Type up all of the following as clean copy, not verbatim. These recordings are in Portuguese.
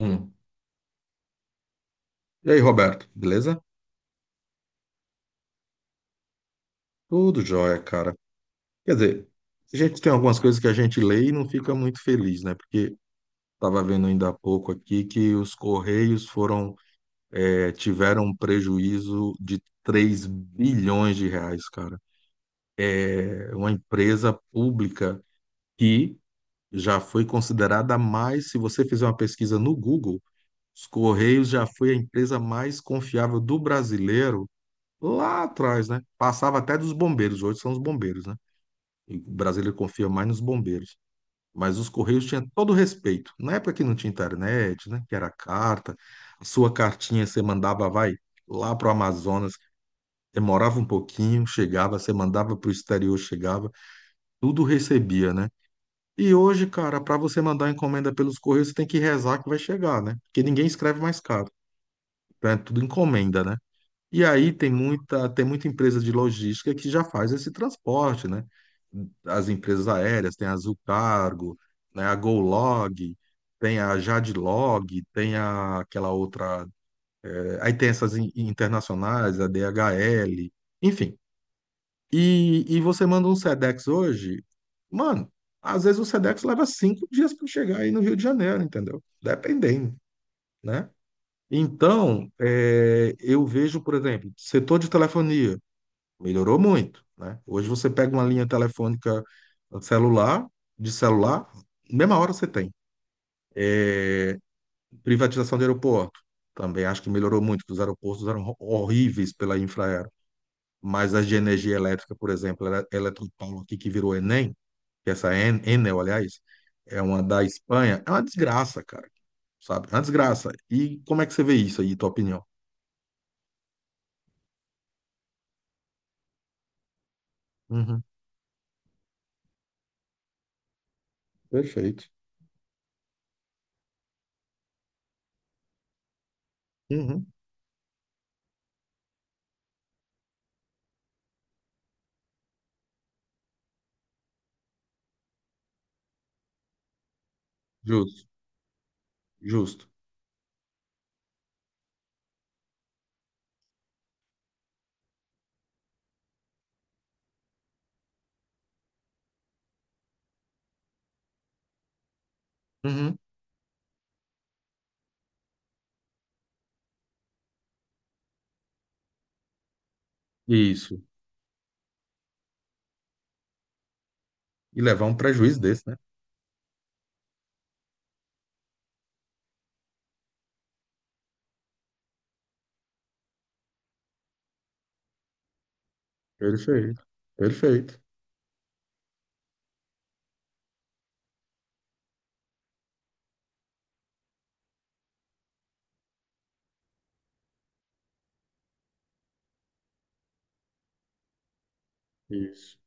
Hum. E aí, Roberto, beleza? Tudo jóia, cara. Quer dizer, a gente tem algumas coisas que a gente lê e não fica muito feliz, né? Porque estava vendo ainda há pouco aqui que os Correios foram, tiveram um prejuízo de R$ 3 bilhões, cara. É uma empresa pública que já foi considerada mais, se você fizer uma pesquisa no Google, os Correios já foi a empresa mais confiável do brasileiro lá atrás, né? Passava até dos bombeiros, hoje são os bombeiros, né? E Brasília confia mais nos bombeiros. Mas os Correios tinham todo o respeito. Na época que não tinha internet, né? Que era carta. A sua cartinha você mandava, vai, lá para o Amazonas, demorava um pouquinho, chegava, você mandava para o exterior, chegava, tudo recebia, né? E hoje, cara, para você mandar encomenda pelos Correios, você tem que rezar que vai chegar, né? Porque ninguém escreve mais caro. Então é tudo encomenda, né? E aí tem muita empresa de logística que já faz esse transporte, né? As empresas aéreas, tem a Azul Cargo, né? A GoLog, tem a Jadlog, tem a, aquela outra. Aí tem essas internacionais, a DHL, enfim. E você manda um Sedex hoje, mano, às vezes o Sedex leva 5 dias para chegar aí no Rio de Janeiro, entendeu? Dependendo, né? Então, eu vejo, por exemplo, setor de telefonia. Melhorou muito, né? Hoje você pega uma linha telefônica celular, de celular, mesma hora você tem. Privatização de aeroporto. Também acho que melhorou muito, que os aeroportos eram horríveis pela Infraero. Mas as de energia elétrica, por exemplo, Eletropaulo aqui que virou Enem, que é essa Enel, aliás, é uma da Espanha, é uma desgraça, cara. Sabe? É uma desgraça. E como é que você vê isso aí, tua opinião? Uhum, perfeito. Uhum, justo, justo. Uhum, isso. E levar um prejuízo desse, né? Perfeito, perfeito. Isso.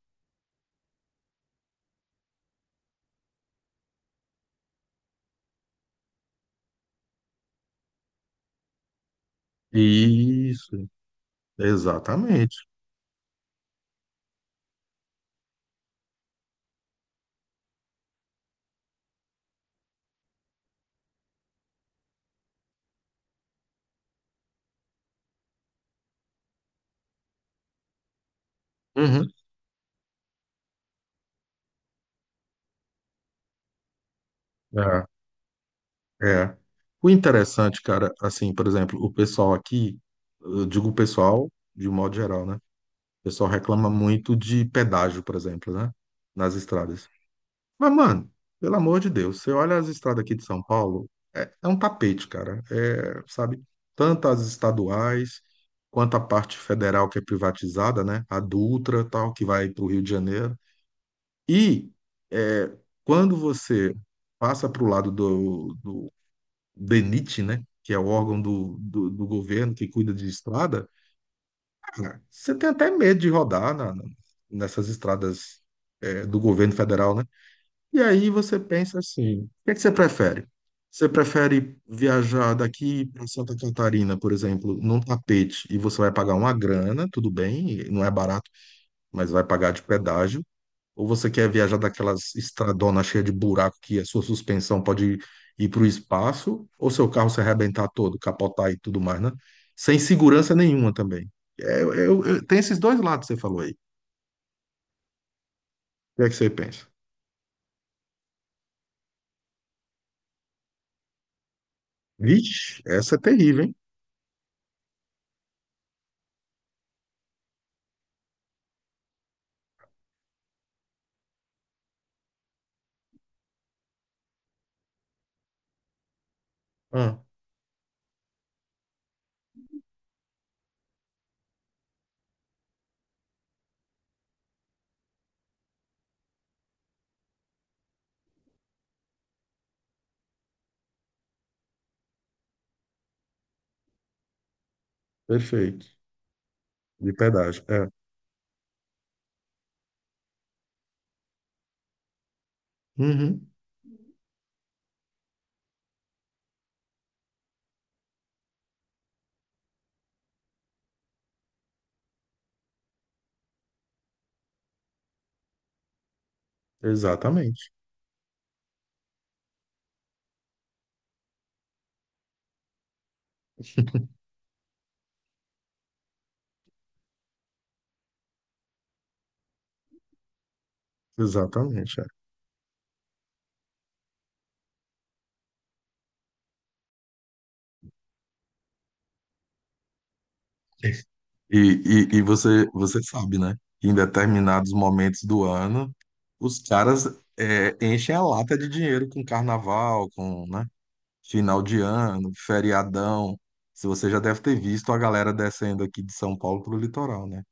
Isso, exatamente. Uhum. É, é. O interessante, cara, assim, por exemplo, o pessoal aqui, eu digo o pessoal de um modo geral, né? O pessoal reclama muito de pedágio, por exemplo, né? Nas estradas. Mas, mano, pelo amor de Deus, você olha as estradas aqui de São Paulo, é, é um tapete, cara. É, sabe? Tanto as estaduais quanto a parte federal que é privatizada, né? A Dutra, tal, que vai para o Rio de Janeiro. E é, quando você passa para o lado do DENIT, né, que é o órgão do governo que cuida de estrada, cara, você tem até medo de rodar nessas estradas é, do governo federal, né? E aí você pensa assim, o que é que você prefere? Você prefere viajar daqui para Santa Catarina, por exemplo, num tapete, e você vai pagar uma grana, tudo bem, não é barato, mas vai pagar de pedágio, ou você quer viajar daquelas estradonas cheias de buraco que a sua suspensão pode ir para o espaço, ou seu carro se arrebentar todo, capotar e tudo mais, né? Sem segurança nenhuma também. É, tem esses dois lados que você falou aí. O que é que você pensa? Vixe, essa é terrível, hein? Ah, perfeito. De pedágio. É. Uhum, exatamente. Exatamente, é. E, e você, você sabe, né? Que em determinados momentos do ano, os caras enchem a lata de dinheiro com carnaval, com, né? Final de ano, feriadão. Se você já deve ter visto a galera descendo aqui de São Paulo pro litoral, né?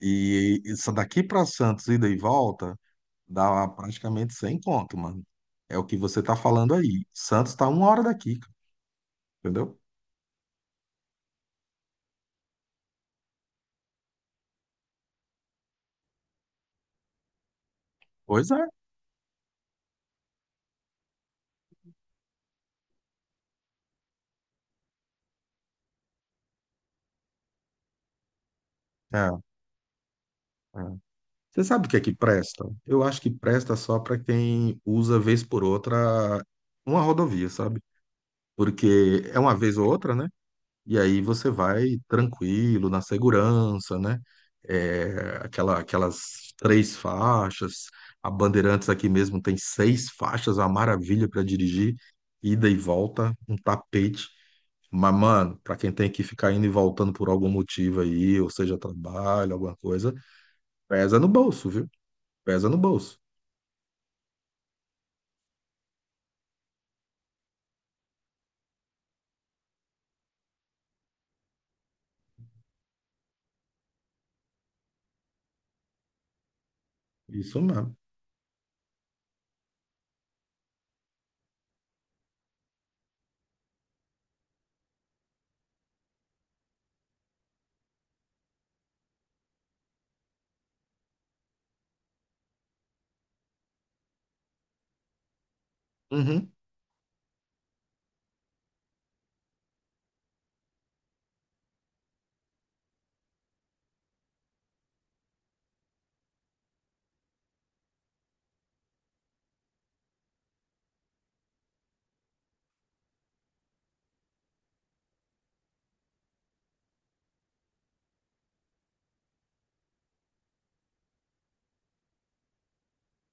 E isso daqui para Santos, ida e volta, dá praticamente 100 conto, mano. É o que você tá falando aí. Santos tá uma hora daqui, entendeu? Pois é. É, é. Você sabe o que é que presta? Eu acho que presta só para quem usa vez por outra uma rodovia, sabe? Porque é uma vez ou outra, né? E aí você vai tranquilo, na segurança, né? É, aquela, aquelas 3 faixas, a Bandeirantes aqui mesmo tem 6 faixas, uma maravilha para dirigir, ida e volta, um tapete. Mas, mano, pra quem tem que ficar indo e voltando por algum motivo aí, ou seja, trabalho, alguma coisa, pesa no bolso, viu? Pesa no bolso. Isso mesmo. Uhum.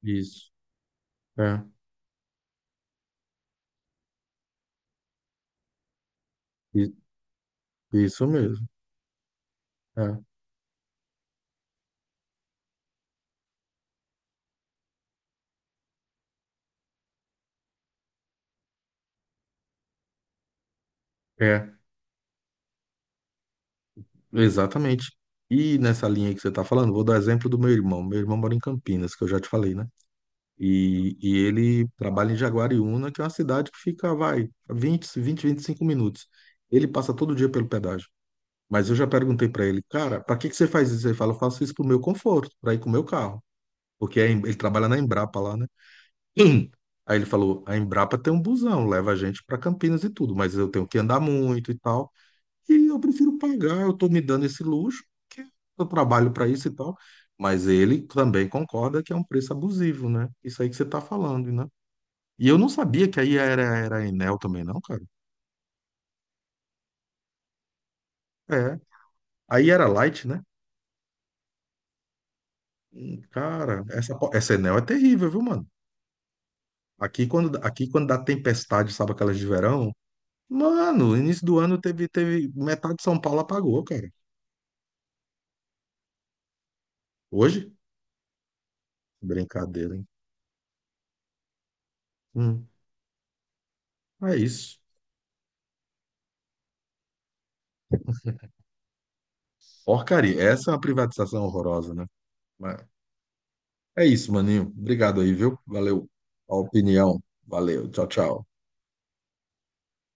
Isso. É. I- Isso mesmo. É. É. Exatamente. E nessa linha que você está falando, vou dar exemplo do meu irmão. Meu irmão mora em Campinas, que eu já te falei, né? E ele trabalha em Jaguariúna, que é uma cidade que fica, vai, vinte 25 minutos. Ele passa todo dia pelo pedágio. Mas eu já perguntei para ele, cara, para que que você faz isso? Ele fala, eu faço isso pro meu conforto, para ir com o meu carro. Porque é ele trabalha na Embrapa lá, né? Hum. Aí ele falou: a Embrapa tem um busão, leva a gente para Campinas e tudo, mas eu tenho que andar muito e tal. E eu prefiro pagar, eu estou me dando esse luxo, porque eu trabalho para isso e tal. Mas ele também concorda que é um preço abusivo, né? Isso aí que você está falando, né? E eu não sabia que aí era, era a Enel também, não, cara. É. Aí era Light, né? Cara, essa, essa Enel é terrível, viu, mano? Aqui quando dá tempestade, sabe aquelas de verão? Mano, início do ano teve, teve metade de São Paulo apagou, cara. Hoje? Brincadeira, hein? Hum, é isso. Porcaria. Essa é uma privatização horrorosa, né? Mas é isso, maninho. Obrigado aí, viu? Valeu a opinião. Valeu. Tchau, tchau.